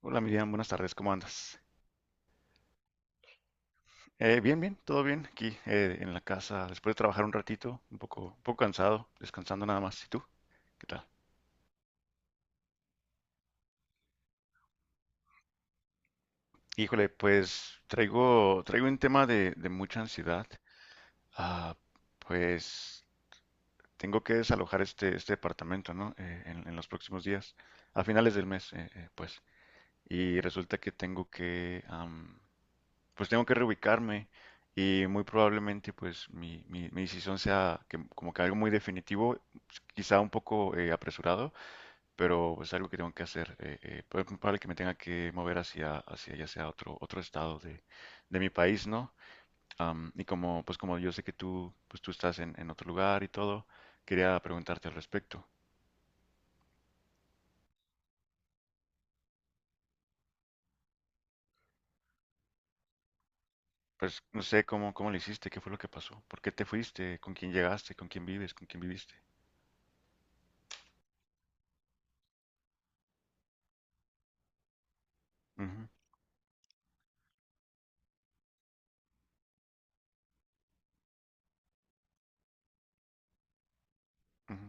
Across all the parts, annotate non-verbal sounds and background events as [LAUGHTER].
Hola Miriam, buenas tardes, ¿cómo andas? Bien, bien, todo bien aquí en la casa, después de trabajar un ratito, un poco cansado, descansando nada más. ¿Y tú? ¿Qué tal? Híjole, pues traigo un tema de mucha ansiedad. Ah, pues tengo que desalojar este departamento, ¿no? En los próximos días, a finales del mes, pues. Y resulta que tengo que, pues tengo que reubicarme y muy probablemente pues mi decisión sea como que algo muy definitivo, quizá un poco apresurado, pero es algo que tengo que hacer. Pero es muy probable que me tenga que mover hacia ya sea otro estado de mi país, ¿no? Y como pues como yo sé que tú pues tú estás en otro lugar y todo, quería preguntarte al respecto. Pues no sé cómo lo hiciste, qué fue lo que pasó, por qué te fuiste, con quién llegaste, con quién vives, con quién viviste. Ujú, ujú.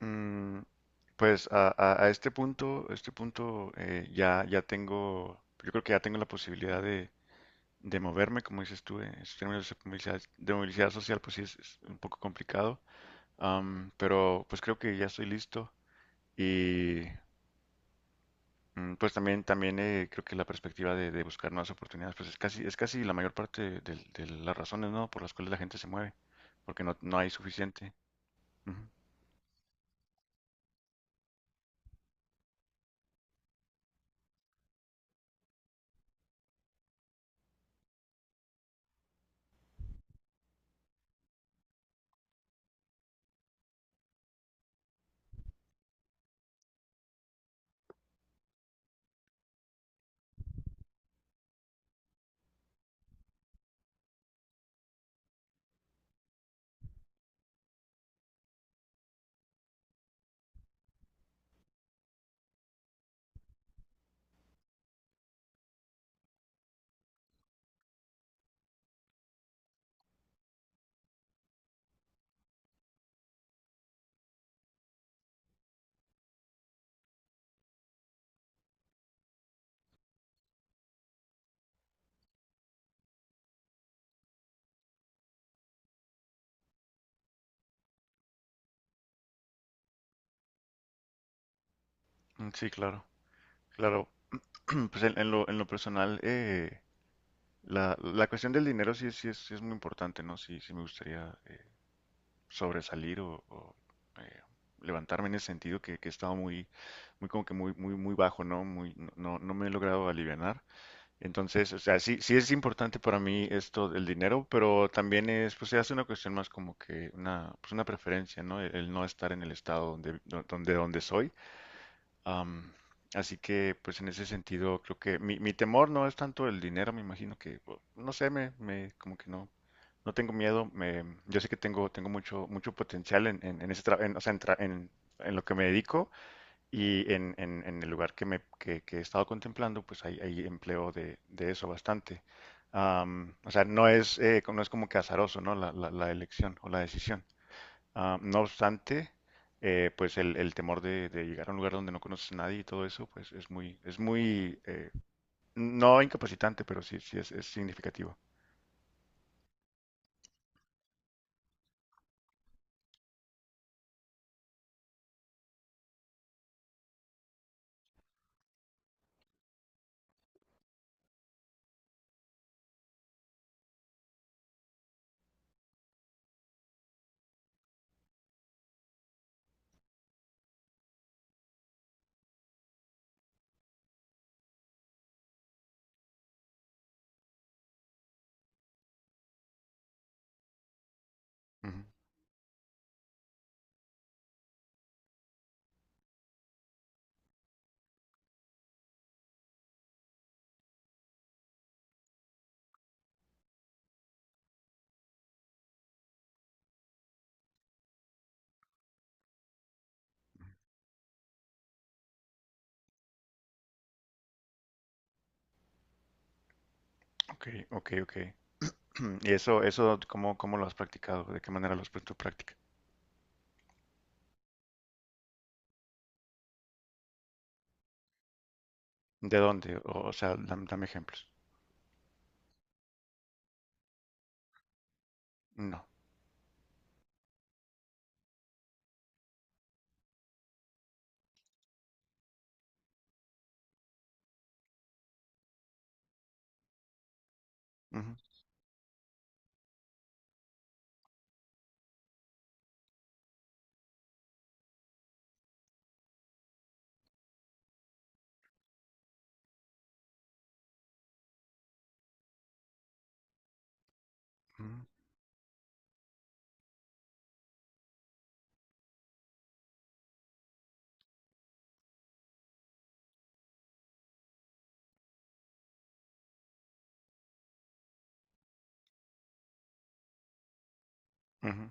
Mm, pues a este punto ya tengo, yo creo que ya tengo la posibilidad de moverme, como dices tú, en esos términos de movilidad social, pues sí es un poco complicado. Pero pues creo que ya estoy listo y pues también, también creo que la perspectiva de buscar nuevas oportunidades, pues es casi la mayor parte de las razones, ¿no? Por las cuales la gente se mueve, porque no hay suficiente. Ujú. Mm, sí, claro, claro. [CLEARS THROAT] Pues en lo personal, la, la cuestión del dinero sí, sí es muy importante, ¿no? Sí, sí me gustaría sobresalir eh, levantarme en ese sentido que he estado muy, muy como que muy, muy, muy bajo, ¿no? Muy, no, no no me he logrado alivianar. Entonces, o sea, sí, sí es importante para mí esto del dinero, pero también es, pues se hace una cuestión más como que una, pues una preferencia, ¿no? El No estar en el estado donde soy. Am, Así que, pues en ese sentido, creo que mi temor no es tanto el dinero, me imagino no sé, como que no, no tengo miedo. Yo sé que tengo, tengo mucho, mucho potencial en ese o sea, en lo que me dedico y en el lugar que he estado contemplando, pues hay empleo de eso bastante. O sea, no es, no es como que azaroso, ¿no? La elección o la decisión. Ah, no obstante, pues el temor de llegar a un lugar donde no conoces a nadie y todo eso, pues es muy, no incapacitante, pero sí, sí es significativo. Ujú. Ok, ok, ok. [CLEARS THROAT] ¿Y eso cómo, cómo lo has practicado? ¿De qué manera lo has puesto en práctica? ¿De dónde? O sea, dame ejemplos. No. Ujú, ujú, ujú,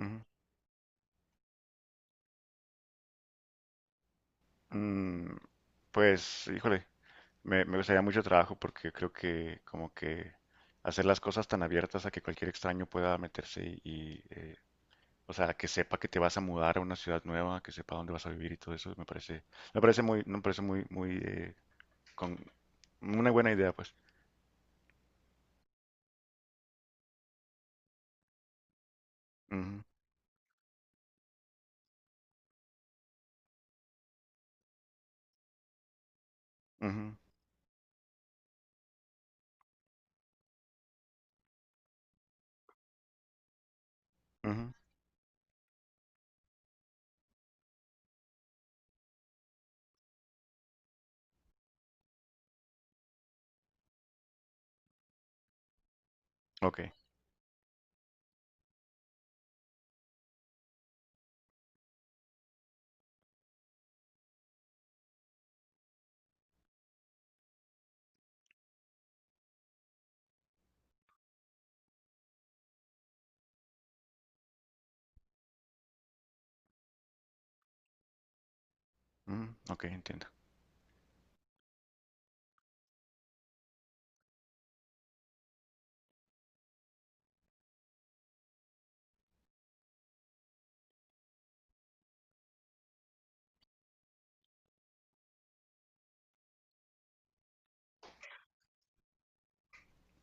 ujú. Mm, pues, híjole. Me gustaría mucho trabajo porque creo que como que hacer las cosas tan abiertas a que cualquier extraño pueda meterse o sea, que sepa que te vas a mudar a una ciudad nueva, que sepa dónde vas a vivir y todo eso, me parece muy, muy, con una buena idea, pues. Ujú, ujú, ujú. Ok, ujú, ok, entiendo.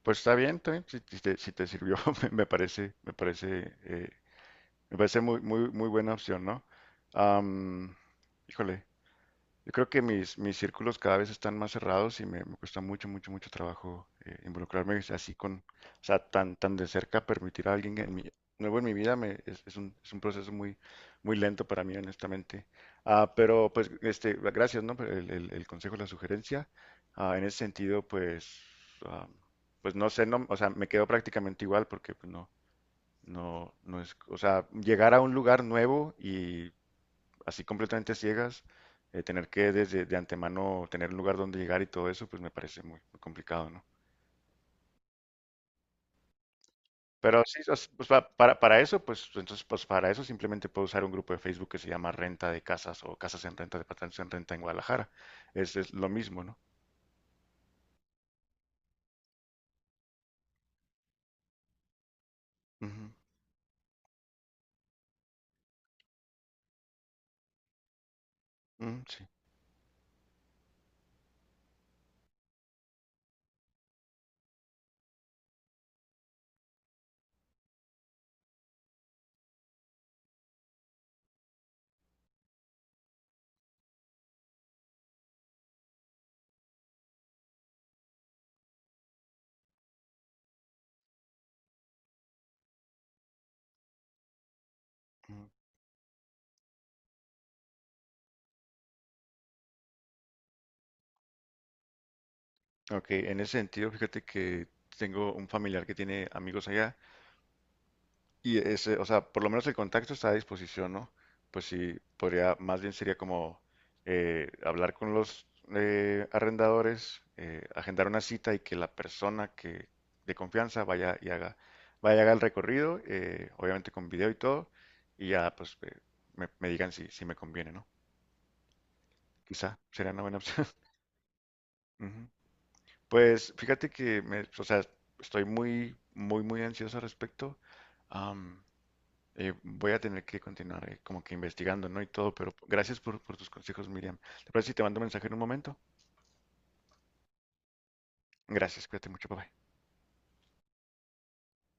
Pues está bien, si, si te sirvió, [LAUGHS] me parece, me parece, me parece muy, muy, muy buena opción, ¿no? Am, Híjole, yo creo que mis círculos cada vez están más cerrados y me cuesta mucho, mucho, mucho trabajo involucrarme así con, o sea, tan, tan de cerca, permitir a alguien en nuevo en mi vida me, es un proceso muy, muy lento para mí, honestamente. Ah, pero pues, este, gracias, ¿no? Por el consejo, la sugerencia. Ah, en ese sentido, pues, ah, pues no sé, no, o sea, me quedo prácticamente igual porque pues, no, no, no es, o sea, llegar a un lugar nuevo así completamente a ciegas, tener que desde de antemano tener un lugar donde llegar y todo eso, pues me parece muy, muy complicado, ¿no? Pero sí, pues para eso, pues entonces, pues para eso simplemente puedo usar un grupo de Facebook que se llama Renta de Casas o Casas en Renta, Departamentos en Renta en Guadalajara. Es lo mismo, ¿no? Ujú, ujú, sí. Ujú. Ok, en ese sentido, fíjate que tengo un familiar que tiene amigos allá. Y ese, o sea, por lo menos el contacto está a disposición, ¿no? Pues sí, podría, más bien sería como hablar con los arrendadores, agendar una cita y que la persona que de confianza vaya y haga el recorrido, obviamente con video y todo, y ya pues me digan si, si me conviene, ¿no? Quizá sería una buena opción. [LAUGHS] Ujú. Pues fíjate que me, o sea, estoy muy, muy, muy ansioso al respecto. Am, Voy a tener que continuar como que investigando, ¿no? Y todo, pero gracias por tus consejos, Miriam. ¿Te parece si te mando un mensaje en un momento? Gracias, cuídate mucho, papá.